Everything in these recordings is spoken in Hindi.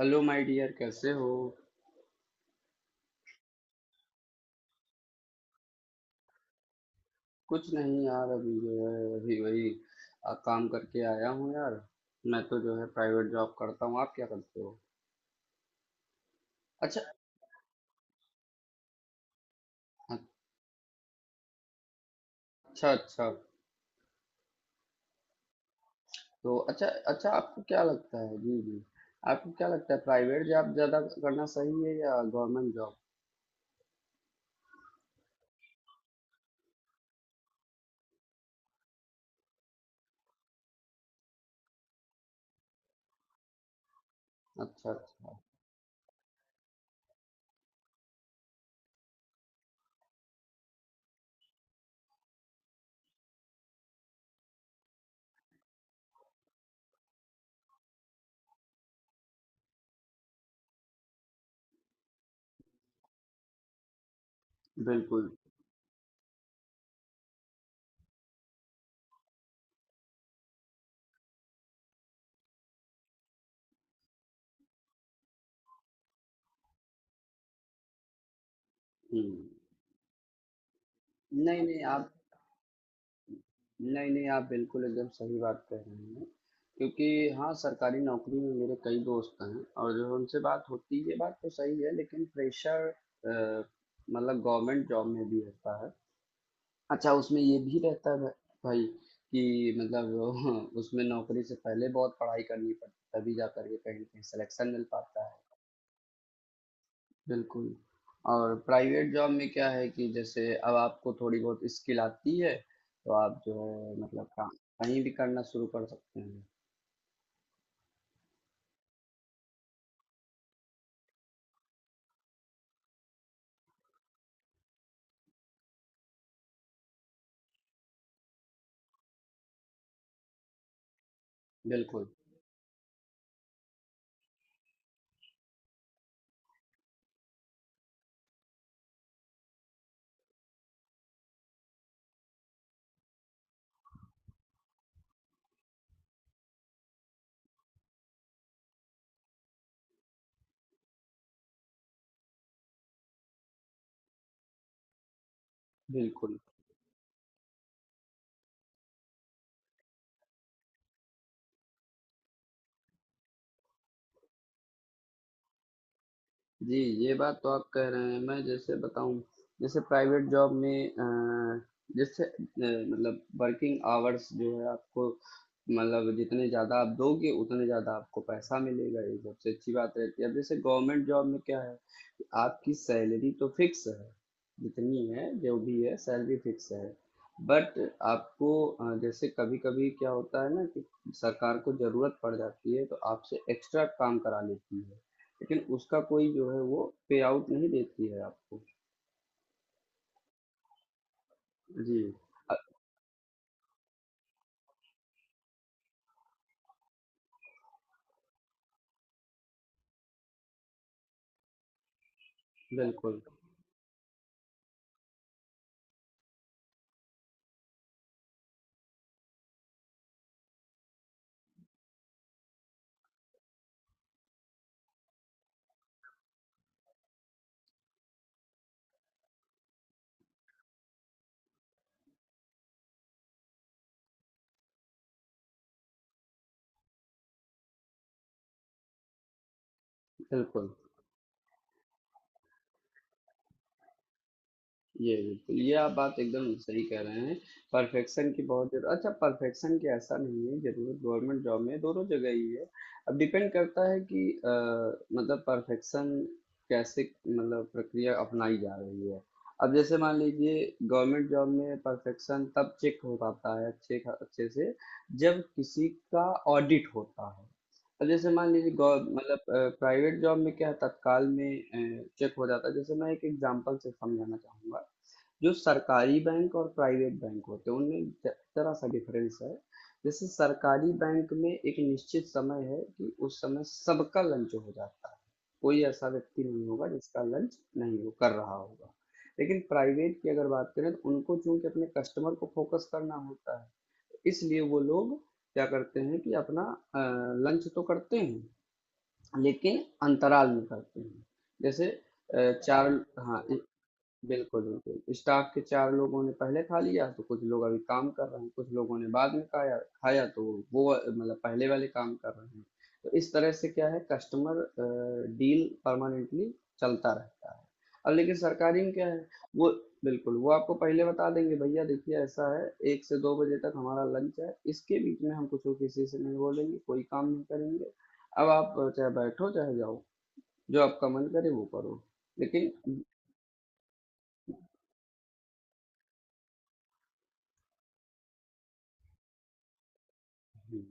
हेलो माय डियर, कैसे हो। कुछ नहीं यार, अभी जो है वही वही। काम करके आया हूँ यार। मैं तो जो है प्राइवेट जॉब करता हूँ। आप क्या करते हो? अच्छा, अच्छा। अच्छा, तो अच्छा। अच्छा, आपको क्या लगता है? जी, जी। आपको क्या लगता है प्राइवेट जॉब ज़्यादा करना सही है या गवर्नमेंट जॉब? अच्छा, अच्छा। बिल्कुल। हम्म। नहीं नहीं आप नहीं नहीं आप बिल्कुल एकदम सही बात कह रहे हैं। क्योंकि हाँ, सरकारी नौकरी में मेरे कई दोस्त हैं और जो उनसे बात होती है ये बात तो सही है, लेकिन प्रेशर मतलब गवर्नमेंट जॉब में भी रहता है। अच्छा, उसमें ये भी रहता है। भाई, कि मतलब उसमें नौकरी से पहले बहुत पढ़ाई करनी पड़ती है, तभी जा करके कहीं ना कहीं सिलेक्शन मिल पाता है। बिल्कुल। और प्राइवेट जॉब में क्या है कि जैसे अब आपको थोड़ी बहुत स्किल आती है, तो आप जो है मतलब काम कहीं भी करना शुरू कर सकते हैं। बिल्कुल, बिल्कुल। जी, ये बात तो आप कह रहे हैं। मैं जैसे बताऊँ, जैसे प्राइवेट जॉब में जैसे मतलब वर्किंग आवर्स जो है आपको, मतलब जितने ज़्यादा आप दोगे उतने ज़्यादा आपको पैसा मिलेगा, ये सबसे अच्छी बात रहती है। अब जैसे गवर्नमेंट जॉब में क्या है, कि आपकी सैलरी तो फिक्स है, जितनी है जो भी है सैलरी फिक्स है। बट आपको जैसे कभी-कभी क्या होता है ना कि सरकार को ज़रूरत पड़ जाती है तो आपसे एक्स्ट्रा काम करा लेती है। लेकिन उसका कोई जो है वो पे आउट नहीं देती है आपको। जी। अ, बिल्कुल, बिल्कुल। ये बिल्कुल, ये आप बात एकदम सही कह रहे हैं। परफेक्शन की बहुत जरूरत। अच्छा, परफेक्शन की ऐसा नहीं है, जरूरत गवर्नमेंट जॉब में दोनों जगह ही है। अब डिपेंड करता है कि मतलब परफेक्शन कैसे, मतलब प्रक्रिया अपनाई जा रही है। अब जैसे मान लीजिए गवर्नमेंट जॉब में परफेक्शन तब चेक हो पाता है अच्छे अच्छे से, जब किसी का ऑडिट होता है। अब जैसे मान लीजिए गौ मतलब प्राइवेट जॉब में क्या है तत्काल में चेक हो जाता है, जैसे मैं एक एग्जांपल से समझाना चाहूँगा। जो सरकारी बैंक और प्राइवेट बैंक होते हैं, उनमें जरा सा डिफरेंस है। जैसे सरकारी बैंक में एक निश्चित समय है कि उस समय सबका लंच हो जाता है। कोई ऐसा व्यक्ति नहीं होगा जिसका लंच नहीं हो कर रहा होगा। लेकिन प्राइवेट की अगर बात करें तो उनको चूंकि अपने कस्टमर को फोकस करना होता है, इसलिए वो लोग क्या करते हैं कि अपना लंच तो करते हैं लेकिन अंतराल में करते हैं। जैसे चार, हाँ, बिल्कुल, बिल्कुल। स्टाफ के 4 लोगों ने पहले खा लिया, तो कुछ लोग अभी काम कर रहे हैं, कुछ लोगों ने बाद में खाया खाया, तो वो मतलब पहले वाले काम कर रहे हैं। तो इस तरह से क्या है, कस्टमर डील परमानेंटली चलता रहता है। अब लेकिन सरकारी में क्या है, वो बिल्कुल, वो आपको पहले बता देंगे, भैया देखिए ऐसा है, 1 से 2 बजे तक हमारा लंच है, इसके बीच में हम कुछ और किसी से नहीं बोलेंगे, कोई काम नहीं करेंगे। अब आप चाहे बैठो चाहे जाओ, जो आपका मन करे वो करो। लेकिन हुँ,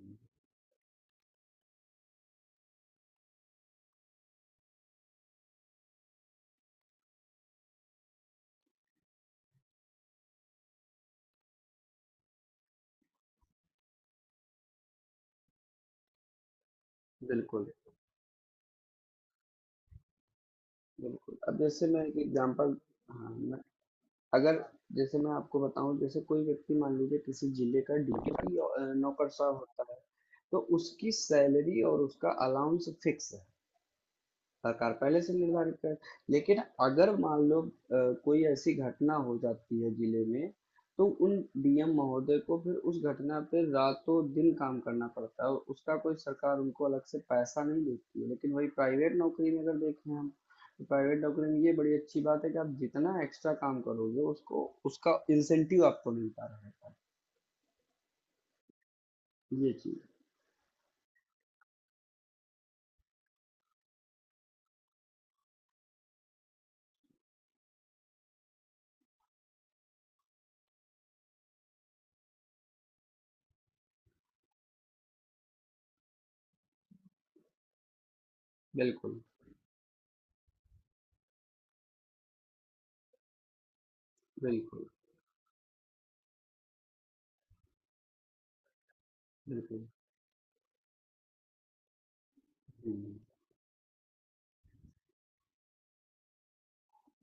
बिल्कुल। बिल्कुल, अब जैसे मैं एक एग्जांपल, हाँ मैं, अगर जैसे मैं आपको बताऊं, जैसे कोई व्यक्ति मान लीजिए किसी जिले का डीटीपी नौकरशाह होता है। तो उसकी सैलरी और उसका अलाउंस फिक्स है। सरकार पहले से निर्धारित कर। लेकिन अगर मान लो कोई ऐसी घटना हो जाती है जिले में, तो उन डीएम महोदय को फिर उस घटना पे रातों दिन काम करना पड़ता है और उसका कोई सरकार उनको अलग से पैसा नहीं देती है, लेकिन वही प्राइवेट नौकरी में अगर देखें हम, तो प्राइवेट नौकरी में ये बड़ी अच्छी बात है कि आप जितना एक्स्ट्रा काम करोगे उसको उसका इंसेंटिव आपको मिलता रहेगा। ये चीज। बिल्कुल, बिल्कुल, बिल्कुल,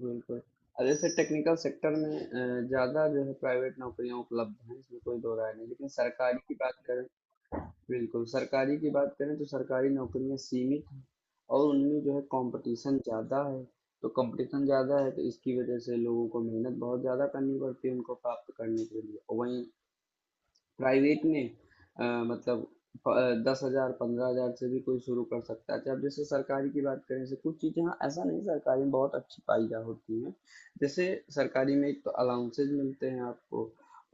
बिल्कुल। जैसे टेक्निकल सेक्टर में ज़्यादा जो है प्राइवेट नौकरियाँ उपलब्ध हैं, इसमें कोई दो राय नहीं। लेकिन सरकारी की बात करें, बिल्कुल, सरकारी की बात करें तो सरकारी नौकरियाँ सीमित हैं। और उनमें जो है कॉम्पिटिशन ज़्यादा है। तो कॉम्पिटिशन ज़्यादा है तो इसकी वजह से लोगों को मेहनत बहुत ज़्यादा करनी पड़ती है उनको प्राप्त करने के लिए। और वहीं प्राइवेट में अ, मतलब 10,000 15,000 से भी कोई शुरू कर सकता है। जब जैसे सरकारी की बात करें, जैसे कुछ चीज़ें, हाँ, ऐसा नहीं, सरकारी में बहुत अच्छी पाई जा होती हैं। जैसे सरकारी में एक तो अलाउंसेज मिलते हैं आपको,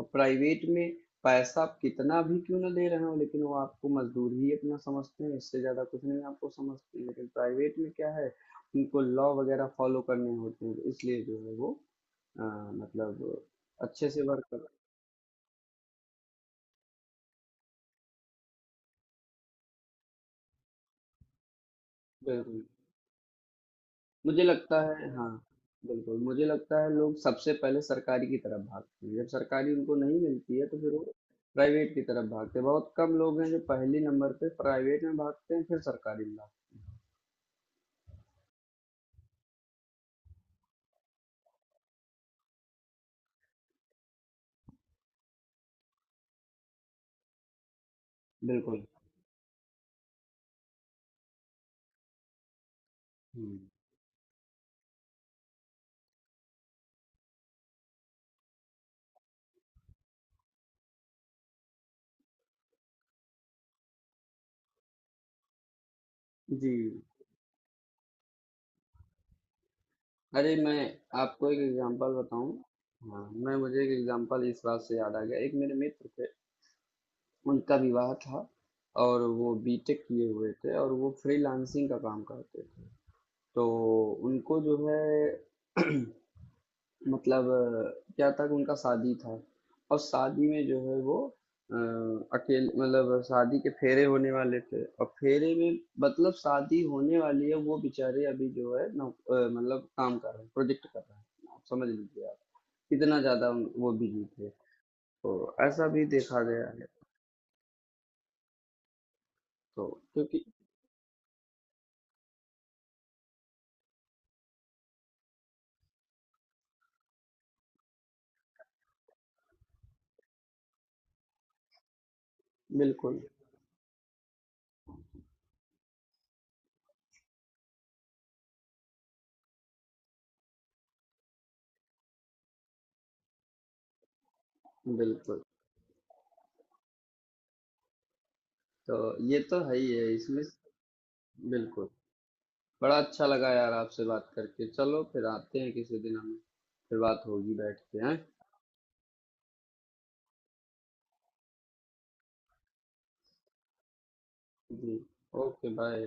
और प्राइवेट में पैसा आप कितना भी क्यों ना दे रहे हो, लेकिन वो आपको मजदूर ही अपना समझते हैं, इससे ज़्यादा कुछ नहीं आपको समझते हैं। लेकिन प्राइवेट में क्या है, उनको लॉ वगैरह फॉलो करने होते हैं, तो इसलिए जो है वो अ, मतलब अच्छे से वर्क कर। बिल्कुल, मुझे लगता है, हाँ। बिल्कुल, मुझे लगता है लोग सबसे पहले सरकारी की तरफ भागते हैं, जब सरकारी उनको नहीं मिलती है तो फिर वो प्राइवेट की तरफ भागते हैं, बहुत कम लोग हैं जो पहले नंबर पे प्राइवेट में भागते हैं फिर सरकारी में भागते हैं। बिल्कुल। हम्म। जी। अरे मैं आपको एक एग्जांपल बताऊं। हाँ, मैं मुझे एक एग्जांपल इस बात से याद आ गया। एक मेरे मित्र थे। उनका विवाह था और वो बीटेक किए हुए थे और वो फ्रीलांसिंग का काम करते थे। तो उनको जो है मतलब क्या था कि उनका शादी था। और शादी में जो है वो अकेले, मतलब शादी के फेरे होने वाले थे, और फेरे में, मतलब शादी होने वाली है, वो बेचारे अभी जो है मतलब काम कर रहे हैं, प्रोजेक्ट कर रहे हैं, आप समझ लीजिए, आप इतना ज्यादा वो बिजी थे। तो ऐसा भी देखा गया है। तो क्योंकि, बिल्कुल, बिल्कुल। तो ये तो है ही है इसमें। बिल्कुल, बड़ा अच्छा लगा यार आपसे बात करके। चलो फिर आते हैं किसी दिन हम। फिर बात होगी, बैठ के हैं। जी। Okay, bye.